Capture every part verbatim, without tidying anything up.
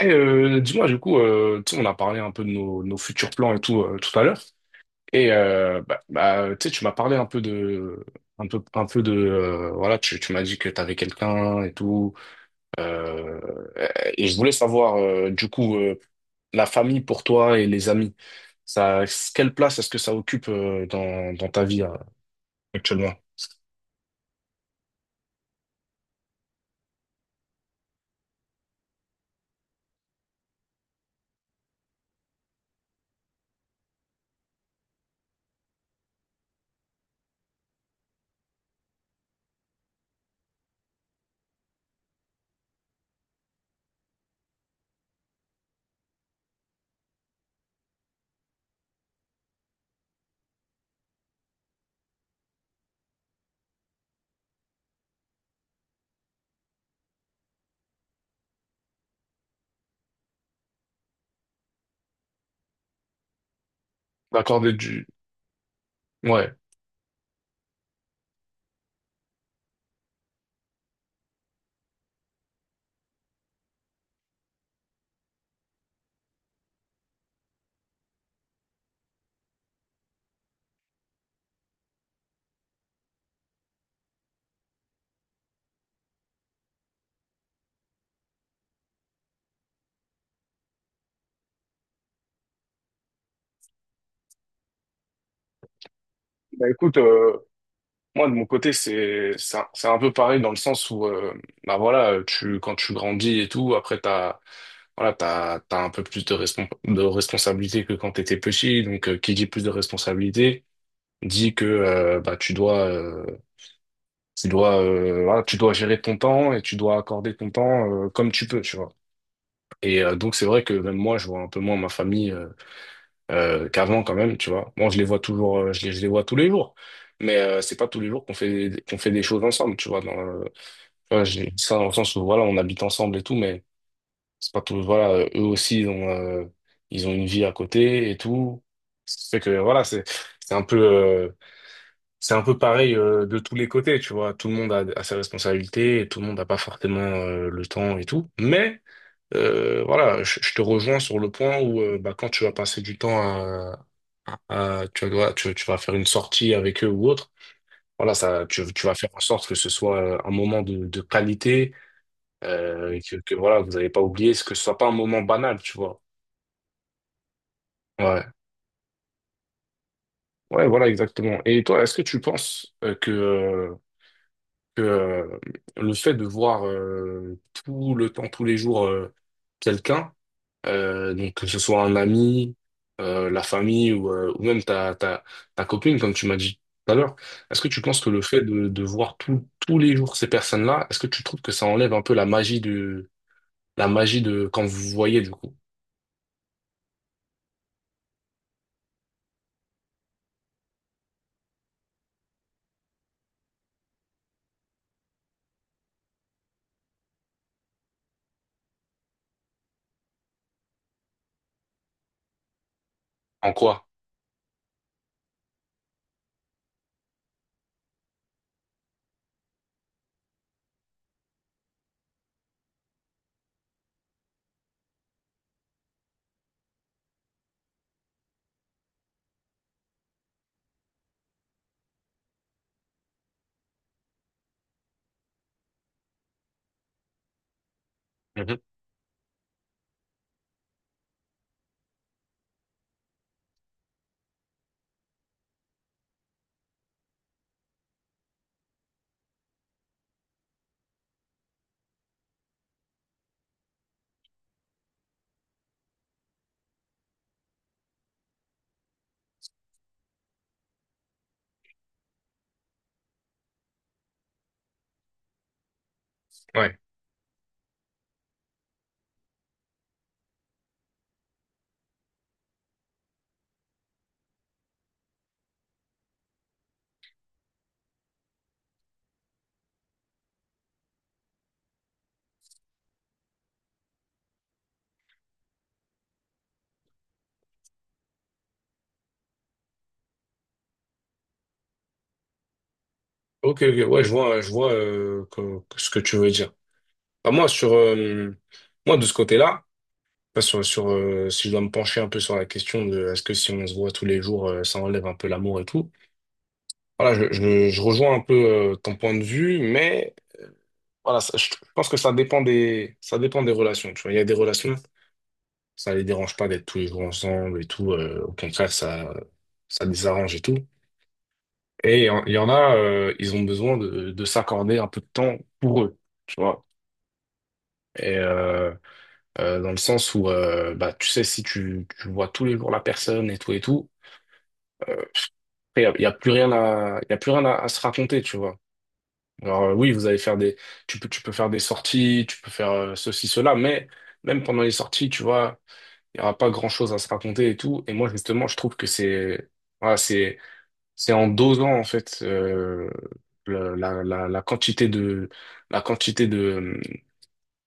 Eh, euh, dis-moi, du coup, euh, tu sais, on a parlé un peu de nos, nos futurs plans et tout euh, tout à l'heure. Et euh, bah, bah, tu sais, tu m'as parlé un peu de, un peu, un peu de, euh, voilà, tu, tu m'as dit que tu avais quelqu'un et tout. Euh, et je voulais savoir, euh, du coup, euh, la famille pour toi et les amis, ça, quelle place est-ce que ça occupe euh, dans, dans ta vie euh, actuellement? D'accorder du, ouais. Bah écoute, moi, de mon côté, c'est c'est un, c'est un peu pareil dans le sens où, euh, bah voilà, tu quand tu grandis et tout, après t'as voilà, t'as t'as un peu plus de respon de responsabilité que quand t'étais petit. Donc, euh, qui dit plus de responsabilité dit que euh, bah tu dois euh, tu dois euh, voilà, tu dois gérer ton temps et tu dois accorder ton temps euh, comme tu peux, tu vois. Et euh, donc c'est vrai que même moi, je vois un peu moins ma famille euh, euh, qu'avant quand même, tu vois. Moi, je les vois toujours, euh, je les, je les vois tous les jours, mais euh, c'est pas tous les jours qu'on fait qu'on fait des choses ensemble, tu vois. Dans le- tu vois, j'ai dit ça dans le sens où voilà, on habite ensemble et tout, mais c'est pas tous. Voilà, euh, eux aussi ils ont euh, ils ont une vie à côté et tout. Ça fait que voilà, c'est c'est un peu euh, c'est un peu pareil euh, de tous les côtés, tu vois. Tout le monde a, a ses responsabilités, et tout le monde n'a pas forcément euh, le temps et tout, mais euh, voilà, je, je te rejoins sur le point où euh, bah, quand tu vas passer du temps à, euh, tu dois, tu, tu vas faire une sortie avec eux ou autre. Voilà, ça, tu, tu vas faire en sorte que ce soit euh, un moment de, de qualité, euh, que, que voilà, vous n'allez pas oublier, ce que ce soit pas un moment banal, tu vois. Ouais, ouais, voilà, exactement. Et toi, est-ce que tu penses euh, que, euh, que euh, le fait de voir euh, tout le temps, tous les jours, euh, quelqu'un, Euh, donc que ce soit un ami, euh, la famille ou, euh, ou même ta, ta, ta copine, comme tu m'as dit tout à l'heure, est-ce que tu penses que le fait de, de voir tout- tous les jours ces personnes-là, est-ce que tu trouves que ça enlève un peu la magie de la magie de quand vous vous voyez du coup? En quoi? Mhm. Ouais. Ok, ok, ouais, je vois, je vois euh, que- que- ce que tu veux dire. Bah, moi, sur euh, moi de ce côté-là, pas sur, sur euh, si je dois me pencher un peu sur la question de est-ce que si on se voit tous les jours, euh, ça enlève un peu l'amour et tout. Voilà, je, je- je rejoins un peu euh, ton point de vue, mais voilà, ça- je pense que ça dépend des, ça dépend des relations. Tu vois, il y a des relations, ça les dérange pas d'être tous les jours ensemble et tout. euh, au contraire, ça, ça les arrange et tout. Et il y en il y en a, euh, ils ont besoin de, de s'accorder un peu de temps pour eux, tu vois. Et euh, euh, dans le sens où, euh, bah, tu sais, si tu, tu vois tous les jours la personne et tout et tout, il y a, y a plus rien à, y a plus rien à à se raconter, tu vois. Alors euh, oui, vous allez faire des, tu peux, tu peux faire des sorties, tu peux faire euh, ceci, cela, mais même pendant les sorties, tu vois, il n'y aura pas grand-chose à se raconter et tout. Et moi, justement, je trouve que c'est, voilà, c'est, c'est en dosant en fait euh, le- la, la, la quantité de, la quantité de,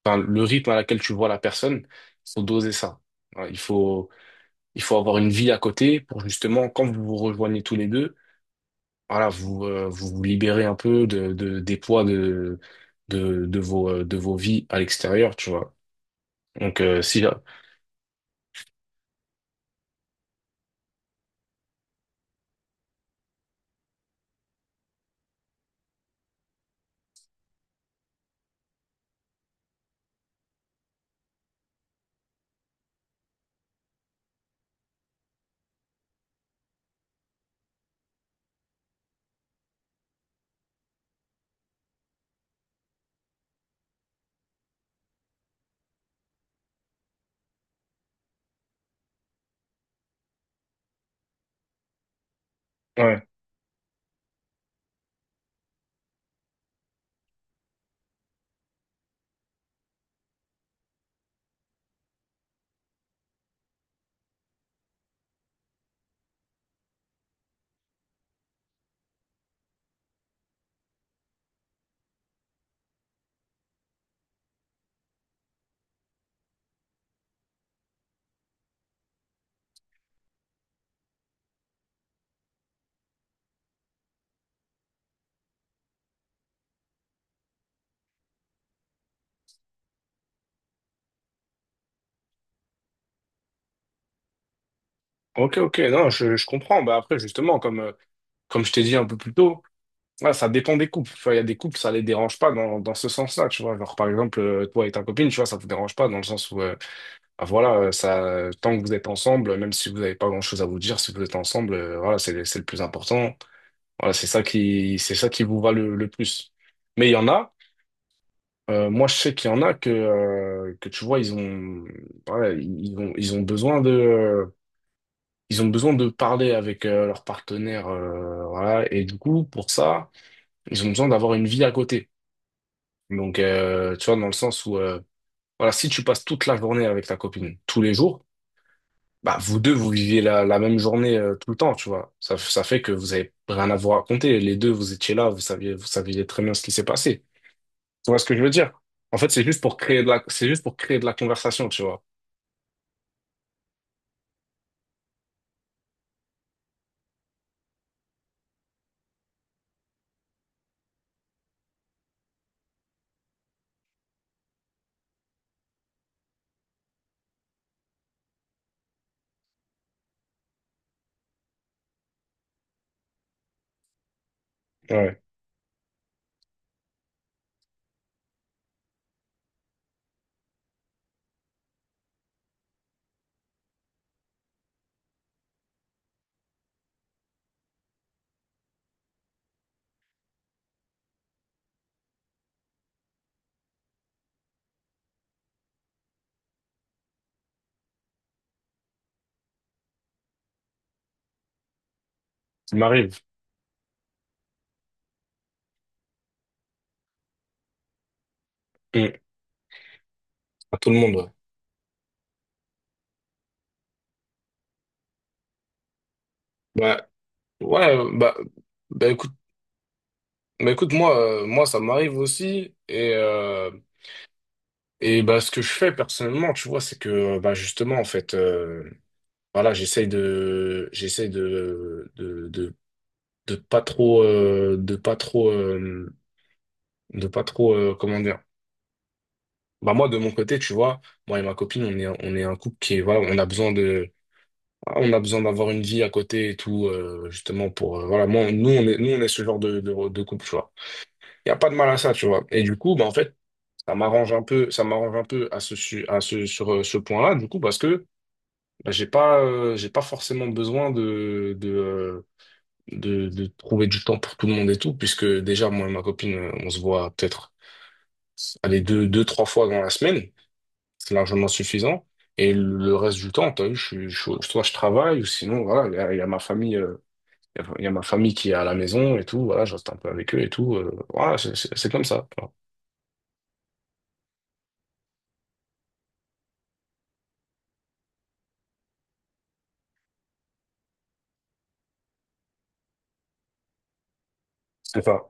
enfin, le rythme à laquelle tu vois la personne, il faut doser ça. Voilà, Il faut, il faut avoir une vie à côté pour justement quand vous vous rejoignez tous les deux voilà, vous, euh, vous vous libérez un peu de, de, des poids de, de, de vos, euh, de vos vies à l'extérieur, tu vois. Donc, euh, si, ja-, ouais. Ok, ok, non, je, je comprends. Bah après, justement, comme, euh, comme je t'ai dit un peu plus tôt, ouais, ça dépend des couples. Tu Il y a des couples, ça les dérange pas dans, dans ce sens-là, tu vois. Genre, par exemple, euh, toi et ta copine, tu vois, ça vous dérange pas dans le sens où, euh, bah, voilà, euh, ça, tant que vous êtes ensemble, même si vous n'avez pas grand-chose à vous dire, si vous êtes ensemble, euh, voilà, c'est, c'est le plus important. Voilà, c'est ça qui, c'est ça qui vous va le le plus. Mais il y en a. Euh, moi, je sais qu'il y en a que, euh, que tu vois, ils ont, ouais, ils ont, ils ont besoin de, euh, ils ont besoin de parler avec euh, leur partenaire, euh, voilà. Et du coup, pour ça, ils ont besoin d'avoir une vie à côté. Donc, euh, tu vois, dans le sens où, euh, voilà, si tu passes toute la journée avec ta copine, tous les jours, bah, vous deux, vous vivez la, la même journée euh, tout le temps, tu vois. Ça, ça fait que vous avez rien à vous raconter. Les deux, vous étiez là, vous saviez, vous saviez très bien ce qui s'est passé. Tu vois ce que je veux dire? En fait, c'est juste pour créer de la, c'est juste pour créer de la conversation, tu vois. Ouais, ça m'arrive. Mm. À tout le monde, ouais. Bah, ouais, bah, bah écoute, bah écoute, moi, euh, moi, ça m'arrive aussi. Et, euh, et bah, ce que je fais personnellement, tu vois, c'est que, euh, bah, justement, en fait, euh, voilà, j'essaye de, j'essaye de, de, de, de pas trop, euh, de pas trop, euh, de pas trop, euh, comment dire. Bah, moi, de mon côté, tu vois, moi et ma copine, on est, on est un couple qui est, voilà, on a besoin de on a besoin d'avoir une vie à côté et tout, euh, justement pour euh, voilà, moi, nous on est nous on est ce genre de, de, de couple, tu vois. Il y a pas de mal à ça, tu vois. Et du coup, bah en fait, ça m'arrange un peu, ça m'arrange un peu à ce su- à ce sur euh, ce point-là, du coup, parce que bah, j'ai pas euh, j'ai pas forcément besoin de de, euh, de de trouver du temps pour tout le monde et tout, puisque déjà moi et ma copine, euh, on se voit peut-être allez deux deux trois fois dans la semaine, c'est largement suffisant. Et le reste du temps, t'as vu, je suis je, suis- soit je travaille ou sinon voilà, il y, a il y a ma famille. euh, Il y a, il y a ma famille qui est à la maison et tout, voilà, je reste un peu avec eux et tout. Euh, voilà, c'est c'est- c'est comme ça, tu vois. C'est ça.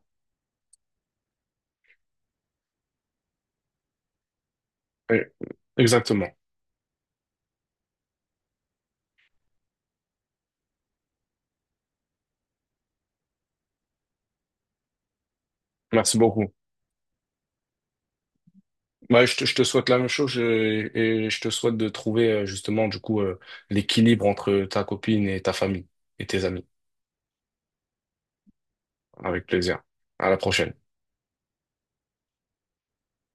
Oui, exactement. Merci beaucoup. Bah, je te, je te souhaite la même chose je- et je te souhaite de trouver euh, justement du coup euh, l'équilibre entre ta copine et ta famille et tes amis. Avec plaisir. À la prochaine.